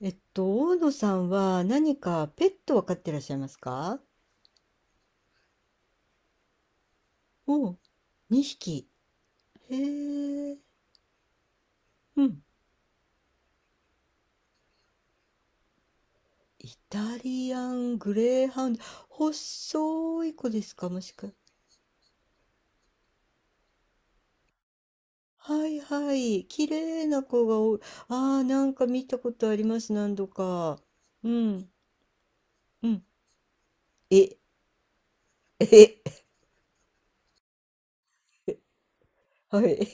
大野さんは何かペットを飼ってらっしゃいますか？おう、2匹。へえ。うん。イタリアングレーハウンド。細い子ですかもしか。はいはい。綺麗な子が多い。ああ、なんか見たことあります。何度か。うん。うん。え、え、はい。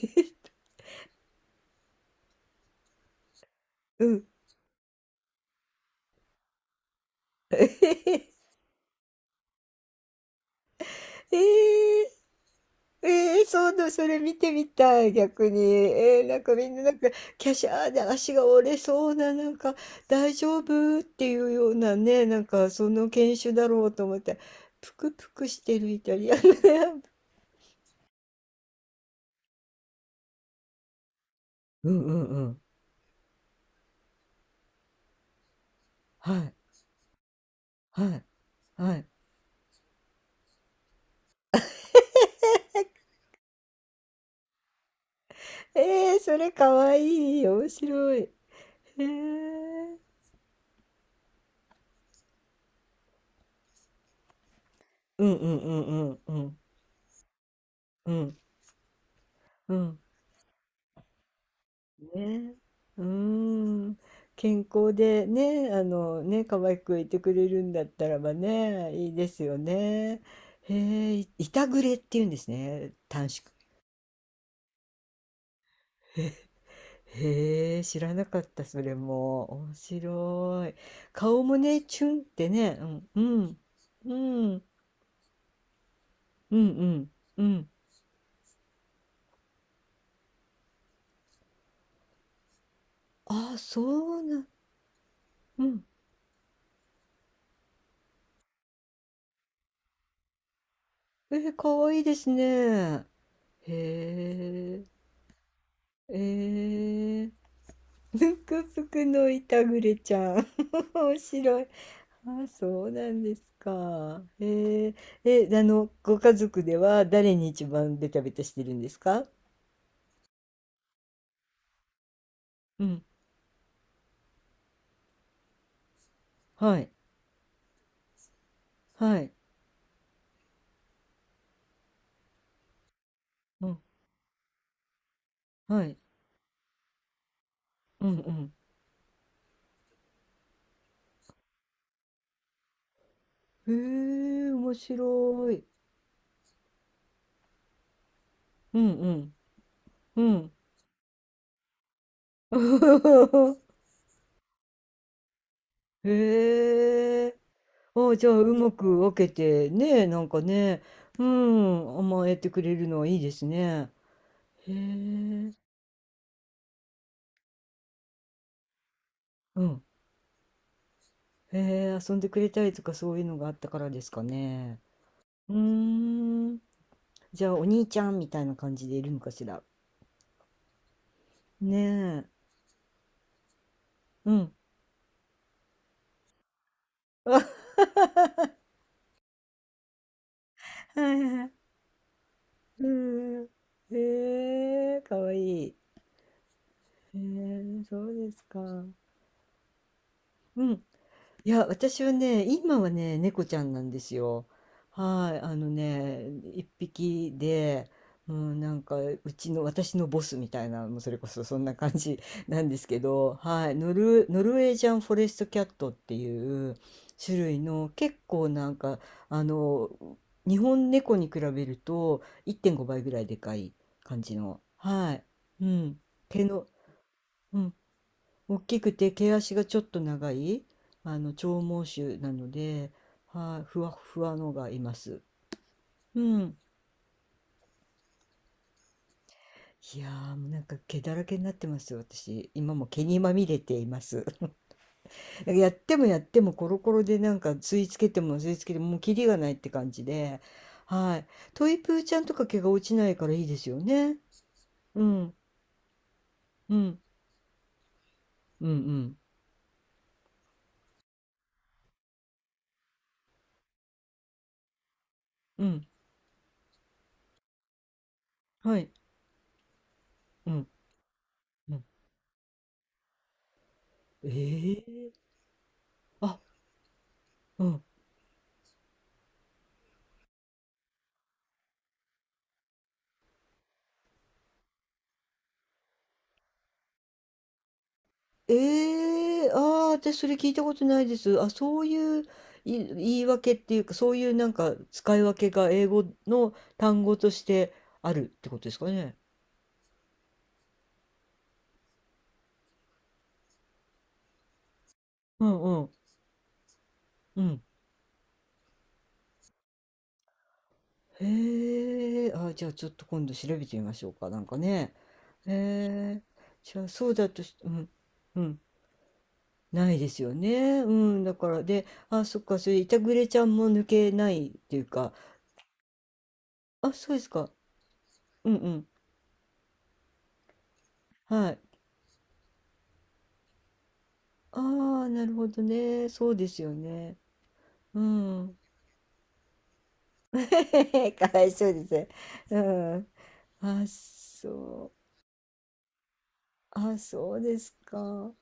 うん。えーええそうな、それ見てみたい、逆に。えー、なんかみんな、なんか、キャシャーで足が折れそうな、なんか、大丈夫っていうようなね、なんか、その犬種だろうと思って、ぷくぷくしてるイタリアン。うんうんうん。はい、はい、はい。えー、それかわいい。面白い。へえー。うんうんうんうんうん。うんうん。ね、うーん、健康でね、あのね、可愛くいてくれるんだったらばね、いいですよね。へえ、いいたぐれっていうんですね、短縮。へえ、知らなかった、それも。面白い。顔もね、チュンってね、うん、うん、うん、うん、うん、うん。あ、そうな、うん。えー、かわいいですね。へえ、えー。ぬくぷくのいたぐれちゃん。面白い。あ、そうなんですか。えー、え、あの、ご家族では誰に一番ベタベタしてるんですか？うん。はい。はい。うん。はい。うんうん。へえ、面白い。うんうん。うん。へえ。あ、じゃあ、うまく分けて、ね、なんかね、うん、甘えてくれるのはいいですね。へえ。うん。へえ、遊んでくれたりとかそういうのがあったからですかね。うーん。じゃあ、お兄ちゃんみたいな感じでいるのかしら。ねえ。うん。あ、はいはい。うん。へえ、かわいい。へえ、そうですか。うん。いや、私はね、今はね、猫ちゃんなんですよ。はい、あのね、一匹で、うん、なんか、うちの、私のボスみたいな、もうそれこそそんな感じ なんですけど、はい、ノルウェージャンフォレストキャットっていう種類の結構なんか、あの、日本猫に比べると1.5倍ぐらいでかい感じの、はい、うん、毛の、うん、大きくて毛足がちょっと長い、あの長毛種なので、はあ、ふわふわのがいます。うん。いやー、もうなんか毛だらけになってますよ。私今も毛にまみれています。 やってもやってもコロコロでなんか吸い付けても吸い付けてももうキリがないって感じで、はい、トイプーちゃんとか毛が落ちないからいいですよね。うんうんうんうんうん、はい、うんうん、ええー、あ、うん、ええ、ああ、私それ聞いたことないです。あ、そういう、い、言い訳っていうか、そういうなんか使い分けが英語の単語としてあるってことですかね。うんうん。うん。へえ、あ、じゃあちょっと今度調べてみましょうか。なんかね。へえ、じゃあそうだとし、うん、うん。ないですよね。うん。だから、で、あ、そっか、それ、いたぐれちゃんも抜けないっていうか、あ、そうですか。うんうん。はい。ああ、なるほどね。そうですよね。うん。かわいそうです。うん。あ、そう。あ、そうですか。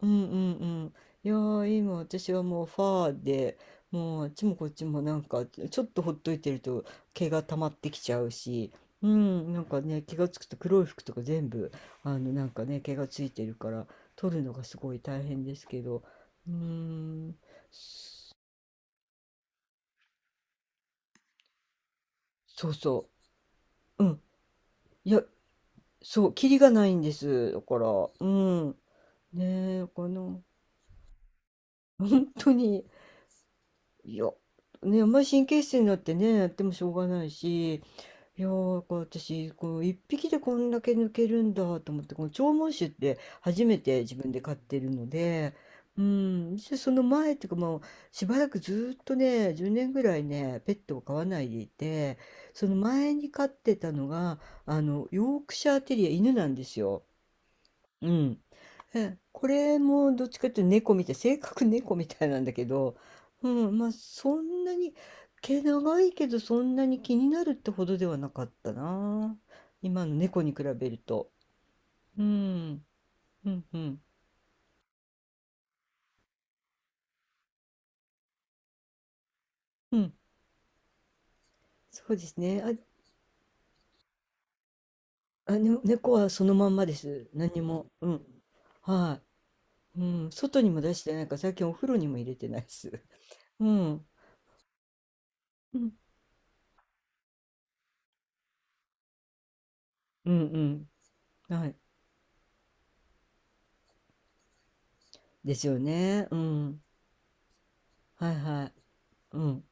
うんうんうん。いやー、今私はもうファーで、もうあっちもこっちもなんか、ちょっとほっといてると毛が溜まってきちゃうし、うん、なんかね、気がつくと黒い服とか全部、あの、なんかね、毛がついてるから、取るのがすごい大変ですけど、うーん、そうそう。うん、いや、そう、キリがないんです。だから、うん。ねえ、だからな、 本当に、いや、ね、あんまり神経質になってね、やってもしょうがないし、いやー、だから私、こう、一匹でこんだけ抜けるんだと思って、この長毛酒って初めて自分で飼ってるので、うん、でその前っていうかもう、しばらくずーっとね、10年ぐらいね、ペットを飼わないでいて、その前に飼ってたのが、あの、ヨークシャーテリア、犬なんですよ。うん。え、これもどっちかっていうと猫みたい、性格猫みたいなんだけど、うん、まあそんなに、毛長いけどそんなに気になるってほどではなかったな。今の猫に比べると。うん、うん、うん、うん。そうですね。あ、あ、ね、猫はそのまんまです。何も。うん。はい。うん。外にも出してないから、最近お風呂にも入れてないです。うん。うん、うん、うん。はい。ですよね。うん。はいはい。うん。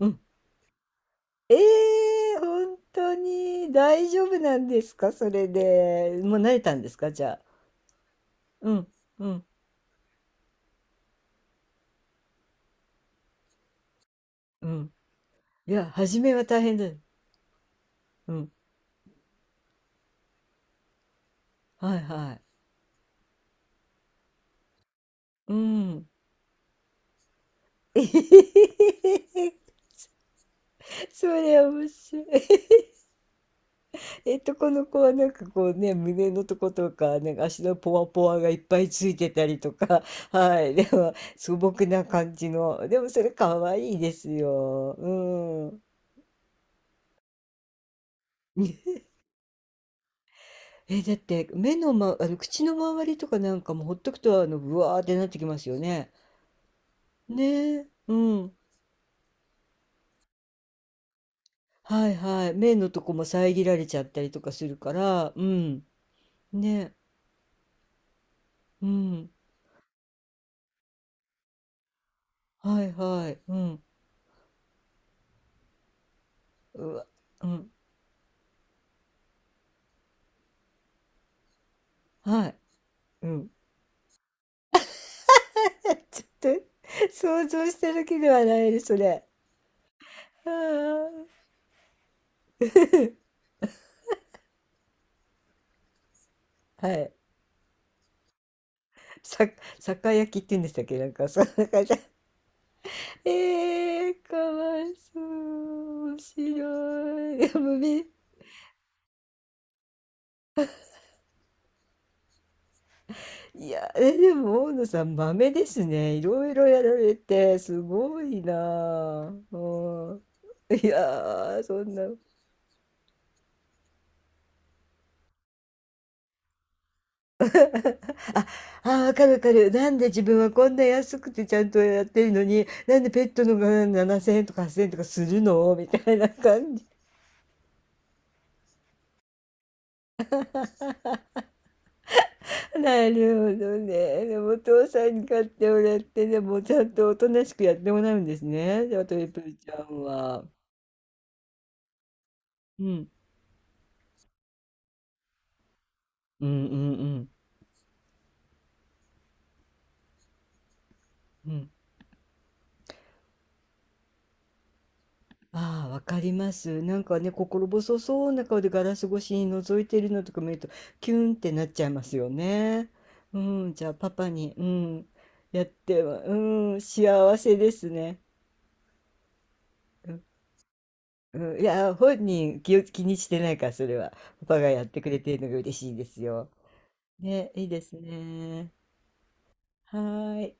うん。ええ、本当に大丈夫なんですか？それで。もう慣れたんですか？じゃあ。うん、うん、うん。いや、初めは大変だよ。うん。はいはい。うん、えへん。それ面白い。この子はなんかこうね、胸のとことか、なんか足のポワポワがいっぱいついてたりとか、はい、でも素朴な感じの、でもそれ可愛いですよ。うん。え、だって目の、ま、あの口の周りとかなんかもほっとくとあのブワーってなってきますよね。ねえ、うん。はいはい。目のとこも遮られちゃったりとかするから、うん。ねえ、うん。はいはい。うん。うわ、うん。はい。うん。ちょっと想像しただけではないです、それ。あー、はい。さ、酒焼きって言うんでしたっけ、なんか、そんな感じ。えー、かわいそう。面白い。でもみ、いや、え、でも、大野さん、豆ですね。いろいろやられて、すごいなあ。うん。いやー、そんな。あ、あー、わかるわかる。なんで自分はこんな安くてちゃんとやってるのに、なんでペットのが7000円とか8000円とかするのみたいな感じ。なるほどね。でも、お父さんに買ってもらって、でも、ちゃんとおとなしくやってもらうんですね。じゃあ、トリプルちゃんは。うん。うんうんうん。うん、ああ、わかります。なんかね、心細そうな顔でガラス越しに覗いているのとか見ると、キュンってなっちゃいますよね。うん、じゃあパパに、うん、やっては、うん、幸せですね。うん、うん、いや、本人気を、気にしてないから、それは。パパがやってくれてるのが嬉しいですよ。ね、いいですね。はーい。